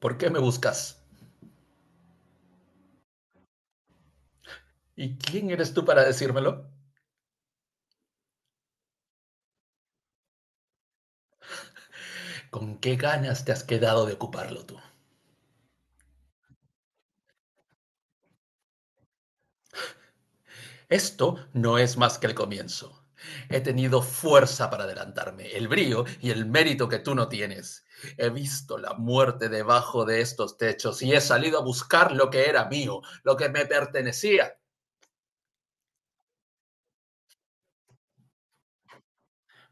¿Por qué me buscas? ¿Y quién eres tú para decírmelo? ¿Con qué ganas te has quedado de ocuparlo tú? Esto no es más que el comienzo. He tenido fuerza para adelantarme, el brío y el mérito que tú no tienes. He visto la muerte debajo de estos techos y he salido a buscar lo que era mío, lo que me pertenecía.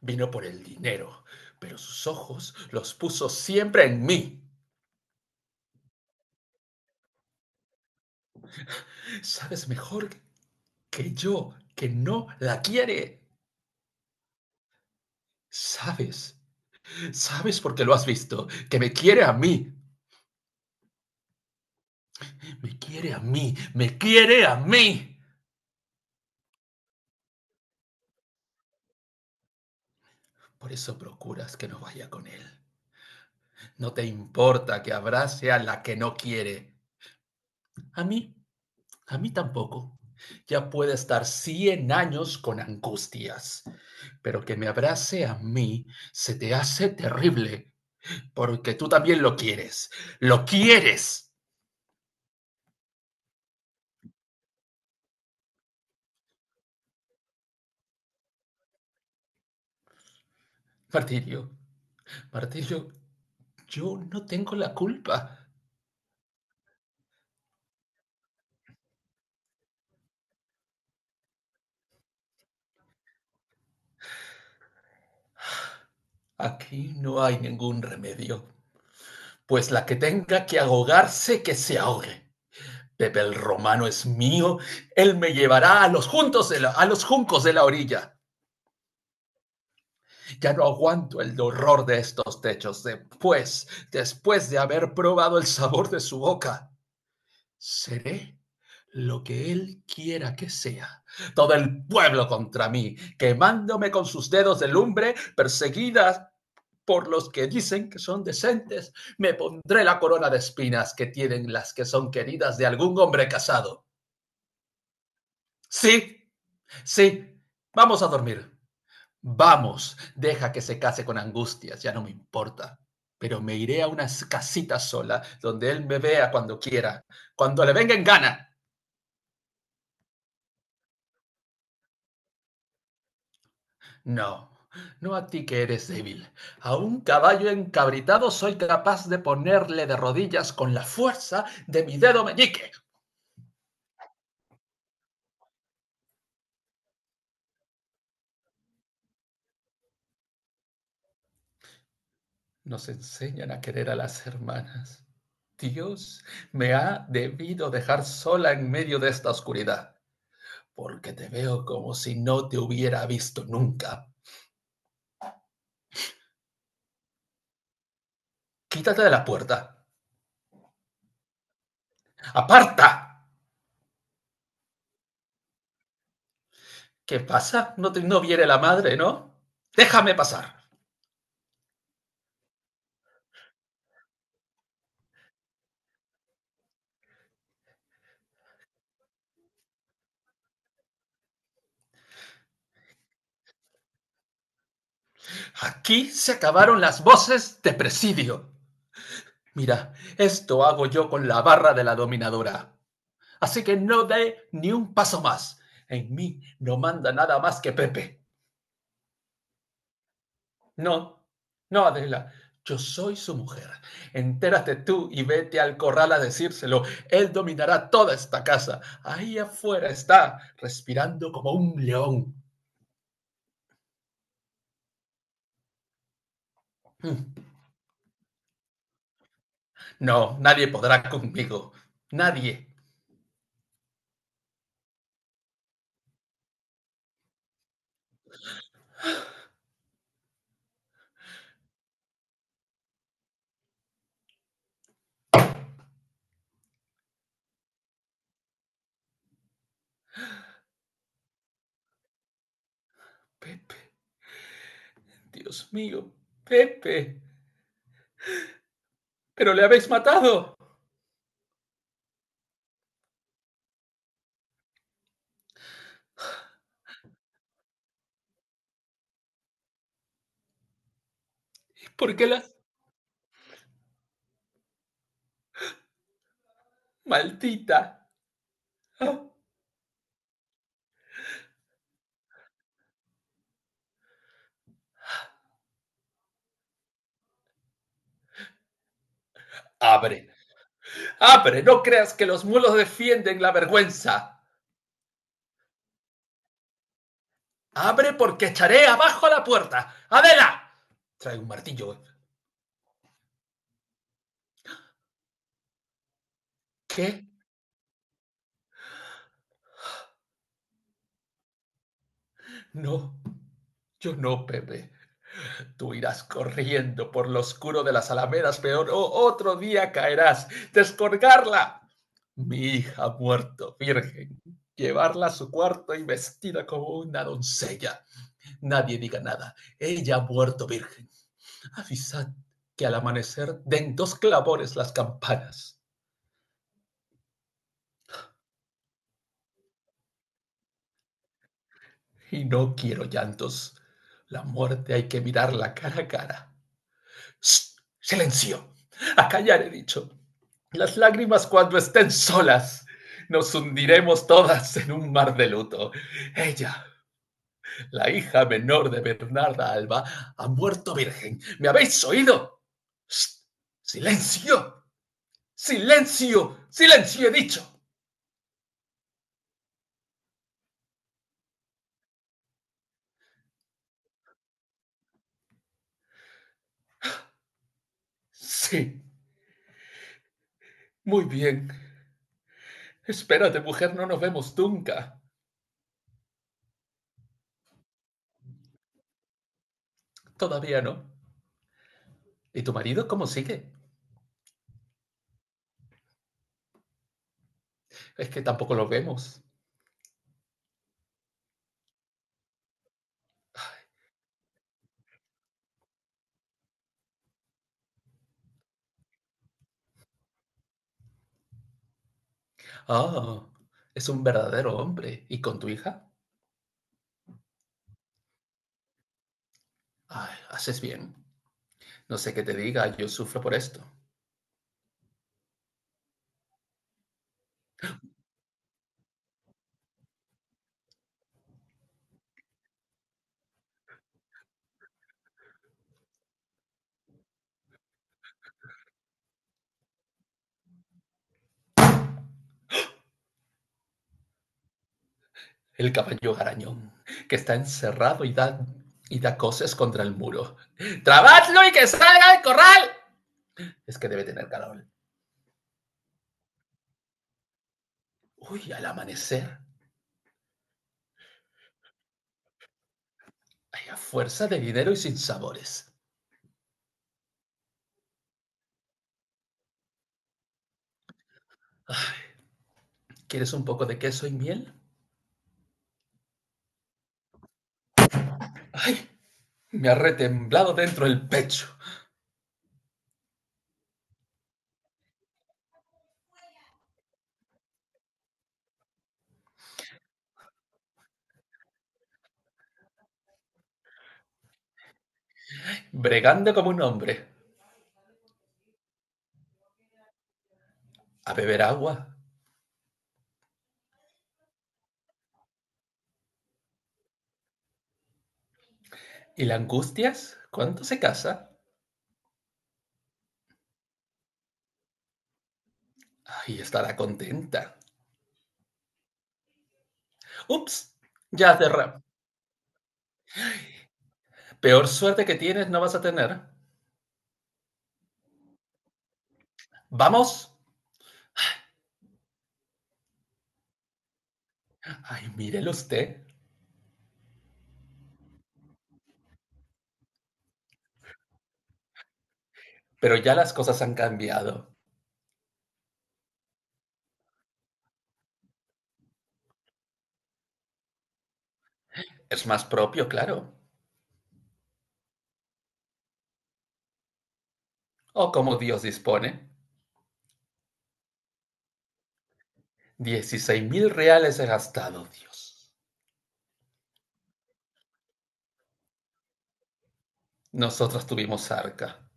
Vino por el dinero, pero sus ojos los puso siempre en mí. Sabes mejor que yo que no la quiere. Sabes Sabes por qué lo has visto, que me quiere a mí, me quiere a mí, me quiere a mí. Por eso procuras que no vaya con él. No te importa que abrace a la que no quiere. A mí, a mí tampoco. Ya puede estar 100 años con angustias, pero que me abrace a mí se te hace terrible, porque tú también lo quieres. Lo quieres. Martirio, Martirio, yo no tengo la culpa. Aquí no hay ningún remedio, pues la que tenga que ahogarse, que se ahogue. Pepe el Romano es mío, él me llevará a los juncos de la orilla. Ya no aguanto el horror de estos techos, después de haber probado el sabor de su boca. Seré lo que él quiera que sea. Todo el pueblo contra mí, quemándome con sus dedos de lumbre, perseguida por los que dicen que son decentes, me pondré la corona de espinas que tienen las que son queridas de algún hombre casado. Sí, sí, vamos a dormir. Vamos, deja que se case con angustias, ya no me importa. Pero me iré a una casita sola, donde él me vea cuando quiera, cuando le venga en gana. No, no a ti que eres débil. A un caballo encabritado soy capaz de ponerle de rodillas con la fuerza de mi dedo meñique. Nos enseñan a querer a las hermanas. Dios me ha debido dejar sola en medio de esta oscuridad, porque te veo como si no te hubiera visto nunca. Quítate de la puerta. ¡Aparta! ¿Qué pasa? No, no viene la madre, ¿no? Déjame pasar. Aquí se acabaron las voces de presidio. Mira, esto hago yo con la barra de la dominadora. Así que no dé ni un paso más. En mí no manda nada más que Pepe. No, no, Adela, yo soy su mujer. Entérate tú y vete al corral a decírselo. Él dominará toda esta casa. Ahí afuera está, respirando como un león. Mm. No, nadie podrá conmigo. Nadie. Pepe, Dios mío, Pepe. Pero le habéis matado. ¿Por qué la maldita? Ah. Abre, abre. No creas que los mulos defienden la vergüenza. Abre porque echaré abajo la puerta. ¡Adela! Trae un martillo. ¿Qué? No. Yo no, Pepe. Tú irás corriendo por lo oscuro de las alamedas, peor o otro día caerás. Descolgarla. Mi hija ha muerto, virgen. Llevarla a su cuarto y vestida como una doncella. Nadie diga nada. Ella ha muerto, virgen. Avisad que al amanecer den dos clavores las campanas. Y no quiero llantos. La muerte hay que mirarla cara a cara. ¡Shh! ¡Silencio! A callar he dicho. Las lágrimas cuando estén solas. Nos hundiremos todas en un mar de luto. Ella, la hija menor de Bernarda Alba, ha muerto virgen. ¿Me habéis oído? ¡Shh! ¡Silencio! ¡Silencio! ¡Silencio! He dicho. Sí, muy bien. Espérate, mujer, no nos vemos nunca. Todavía no. ¿Y tu marido cómo sigue? Es que tampoco lo vemos. Ah, es un verdadero hombre. ¿Y con tu hija? Ay, haces bien. No sé qué te diga, yo sufro por esto. El caballo garañón, que está encerrado y da cosas contra el muro. ¡Trabadlo y que salga del corral! Es que debe tener calor. Uy, al amanecer. Hay a fuerza de dinero y sin sabores. Ah, ¿quieres un poco de queso y miel? ¡Ay! Me ha retemblado dentro el pecho, bregando como un hombre. A beber agua. ¿Y la angustias? ¿Cuándo se casa? Ay, estará contenta. Ups, ya cerré. Peor suerte que tienes no vas a tener. ¡Vamos! Ay, mírelo usted. Pero ya las cosas han cambiado. Es más propio, claro. O como Dios dispone. 16.000 reales he gastado, Dios. Nosotros tuvimos arca.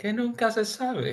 Que nunca se sabe.